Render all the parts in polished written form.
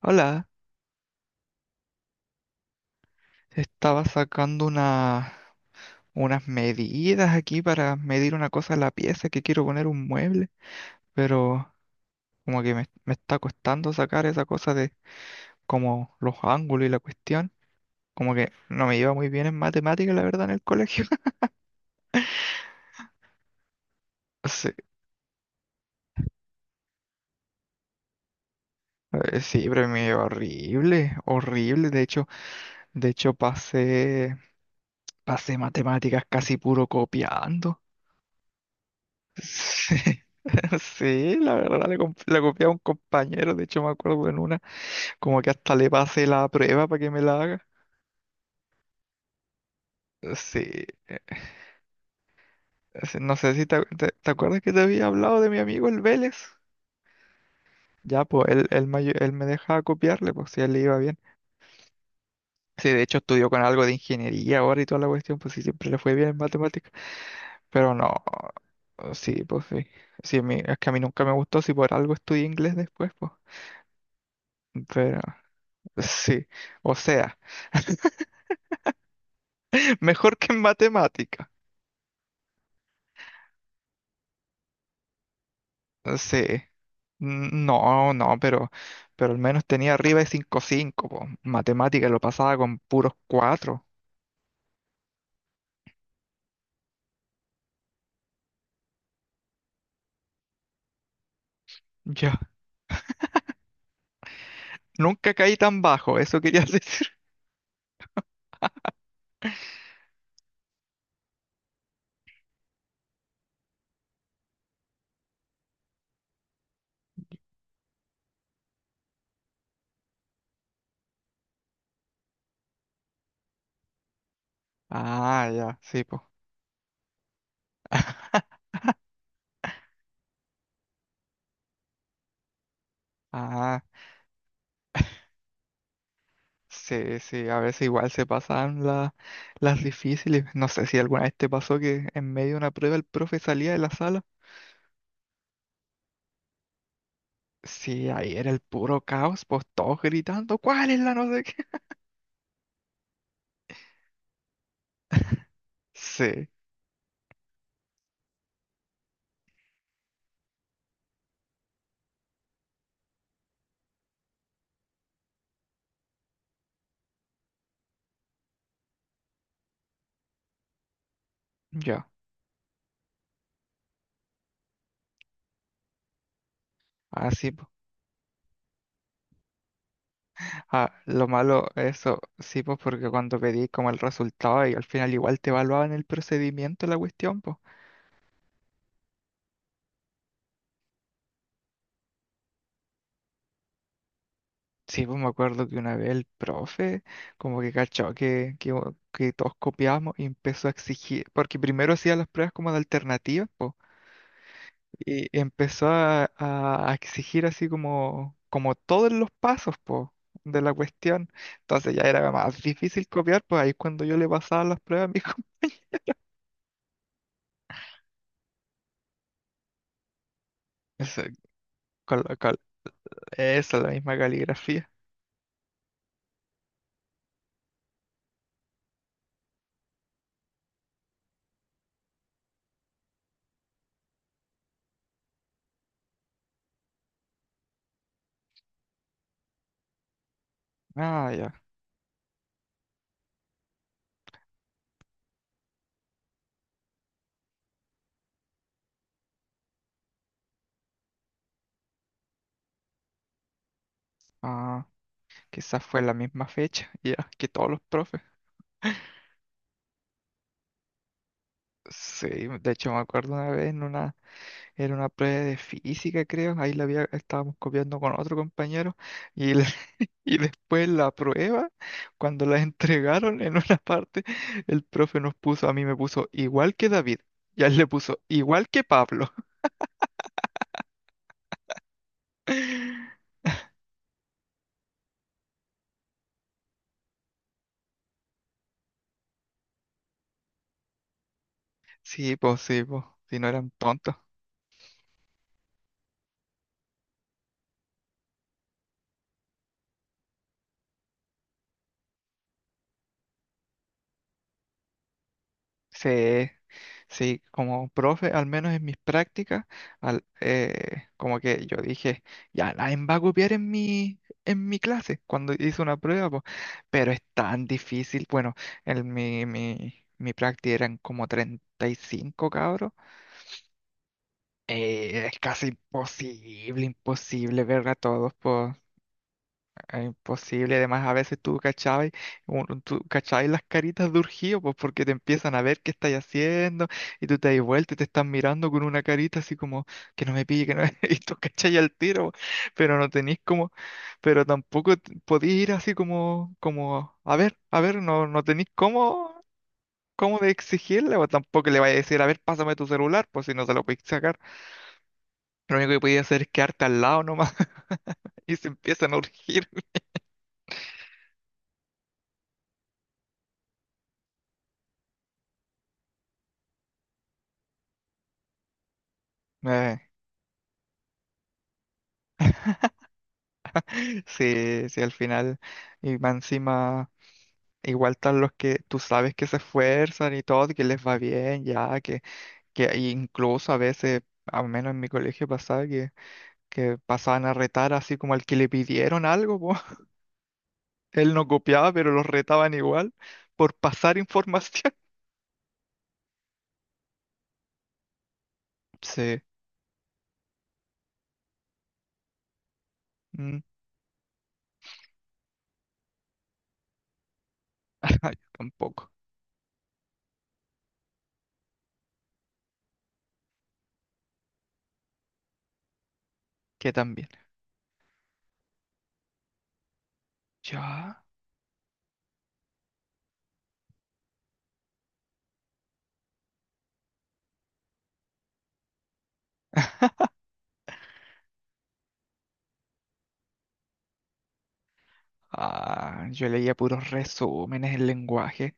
Hola, estaba sacando unas medidas aquí para medir una cosa en la pieza que quiero poner un mueble, pero como que me está costando sacar esa cosa de como los ángulos y la cuestión. Como que no me iba muy bien en matemáticas, la verdad, en el colegio. Sí, sí, pero me iba horrible, horrible. De hecho pasé matemáticas casi puro copiando. Sí. Sí, la verdad, le copié a un compañero, de hecho me acuerdo en una. Como que hasta le pasé la prueba para que me la haga. Sí. Sí, no sé si ¿te acuerdas que te había hablado de mi amigo el Vélez? Ya, pues él me dejaba copiarle, pues si a él le iba bien. Sí, de hecho estudió con algo de ingeniería ahora y toda la cuestión, pues sí, siempre le fue bien en matemáticas. Pero no, sí, pues sí. Sí, es que a mí nunca me gustó, si por algo estudié inglés después, pues. Pero sí, o sea, mejor que en matemáticas. Sí. No, no, pero al menos tenía arriba de cinco punto cinco, po. Matemática lo pasaba con puros cuatro. Yo nunca caí tan bajo, eso quería decir. Ah, ya, sí, pues. Ah, sí, sí, a veces igual se pasaban las difíciles. No sé si alguna vez te pasó que en medio de una prueba el profe salía de la sala. Sí, ahí era el puro caos, pues todos gritando, ¿cuál es la no sé qué? Sí, ya, así. Ah, lo malo, eso sí, pues porque cuando pedí como el resultado y al final igual te evaluaban el procedimiento, la cuestión, pues. Sí, pues me acuerdo que una vez el profe como que cachó que todos copiábamos y empezó a exigir, porque primero hacía las pruebas como de alternativas, pues, y empezó a exigir así como, como todos los pasos, pues, de la cuestión. Entonces ya era más difícil copiar, pues ahí es cuando yo le pasaba las pruebas a mi compañero. Eso, con, la- con- la misma caligrafía. Ah, ya. Ah, quizás fue la misma fecha, ya, que todos los profes. Sí, de hecho me acuerdo una vez en una, era una prueba de física, creo, ahí la había, estábamos copiando con otro compañero y y después la prueba, cuando la entregaron en una parte, el profe nos puso, a mí me puso igual que David y a él le puso igual que Pablo. Sí, pues, si no eran tontos. Sí, sí, como profe, al menos en mis prácticas, como que yo dije, ya nadie me va a copiar en mi clase cuando hice una prueba, po. Pero es tan difícil. Bueno, en mi práctica eran como 35 cabros. Es casi imposible, imposible ver a todos, po. Era imposible, además a veces tú cachabas, tú cachabas las caritas de urgido, pues porque te empiezan a ver qué estás haciendo, y tú te das vuelta y te están mirando con una carita así como que no me pille, que no me. Y tú cachabas al tiro, pero no tenís como, pero tampoco podís ir así como, como, a ver, no, no tenís cómo, cómo de exigirle, o tampoco le vayas a decir, a ver, pásame tu celular, pues si no se lo podís sacar. Lo único que podías hacer es quedarte al lado nomás y se empiezan a urgir. Sí, sí, al final, y más encima, igual están los que tú sabes que se esfuerzan y todo, que les va bien, ya, que incluso a veces, al menos en mi colegio pasaba, que pasaban a retar así como al que le pidieron algo, po. Él no copiaba, pero los retaban igual por pasar información. Sí, mm, ay, tampoco, que también. Ya. Ah, yo leía puros resúmenes en lenguaje.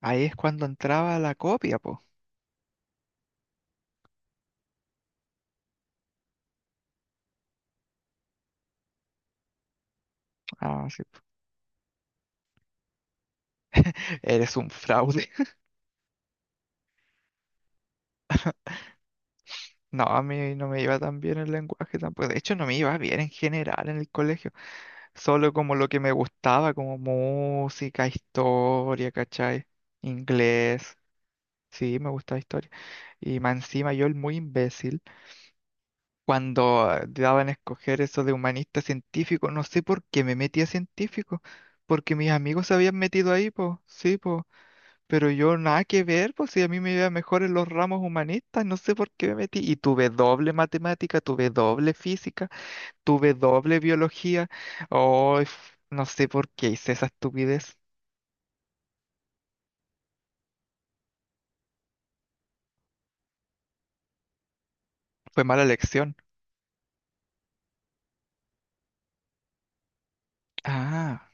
Ahí es cuando entraba la copia, po. Ah, sí. Eres un fraude. No, a mí no me iba tan bien el lenguaje tampoco. De hecho, no me iba bien en general en el colegio. Solo como lo que me gustaba, como música, historia, ¿cachai? Inglés. Sí, me gustaba historia. Y más encima yo, el muy imbécil, cuando daban a escoger eso de humanista científico, no sé por qué me metí a científico. Porque mis amigos se habían metido ahí, pues. Sí, pues. Pero yo nada que ver, pues si a mí me iba mejor en los ramos humanistas, no sé por qué me metí. Y tuve doble matemática, tuve doble física, tuve doble biología. Oh, no sé por qué hice esa estupidez. Fue mala elección. Ah,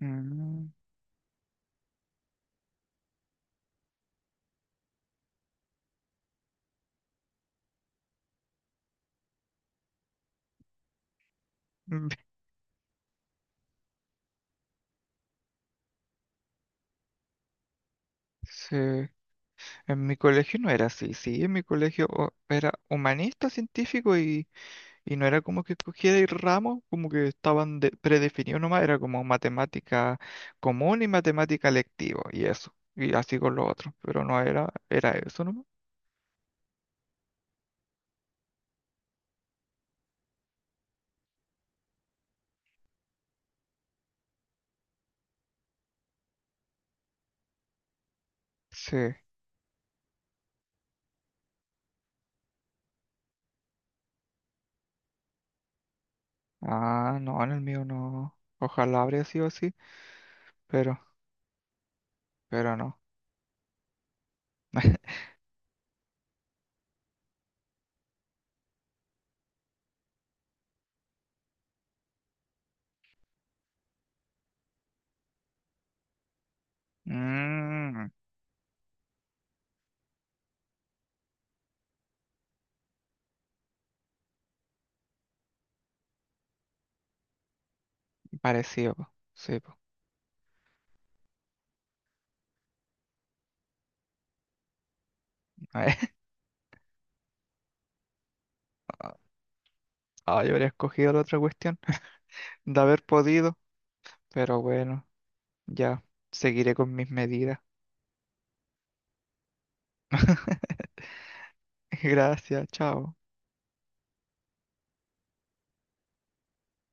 mm, mm, sí. En mi colegio no era así, sí, en mi colegio oh, era humanista, científico. Y no era como que escogía de ramos, como que estaban predefinidos nomás, era como matemática común y matemática lectiva, y eso, y así con lo otro, pero no era, era eso nomás. Sí. Ah, no, en el mío no. Ojalá habría sido así, pero, pero no. Mmm, parecido, po. Sí, po. Ah, yo habría escogido la otra cuestión de haber podido, pero bueno, ya seguiré con mis medidas. Gracias, chao.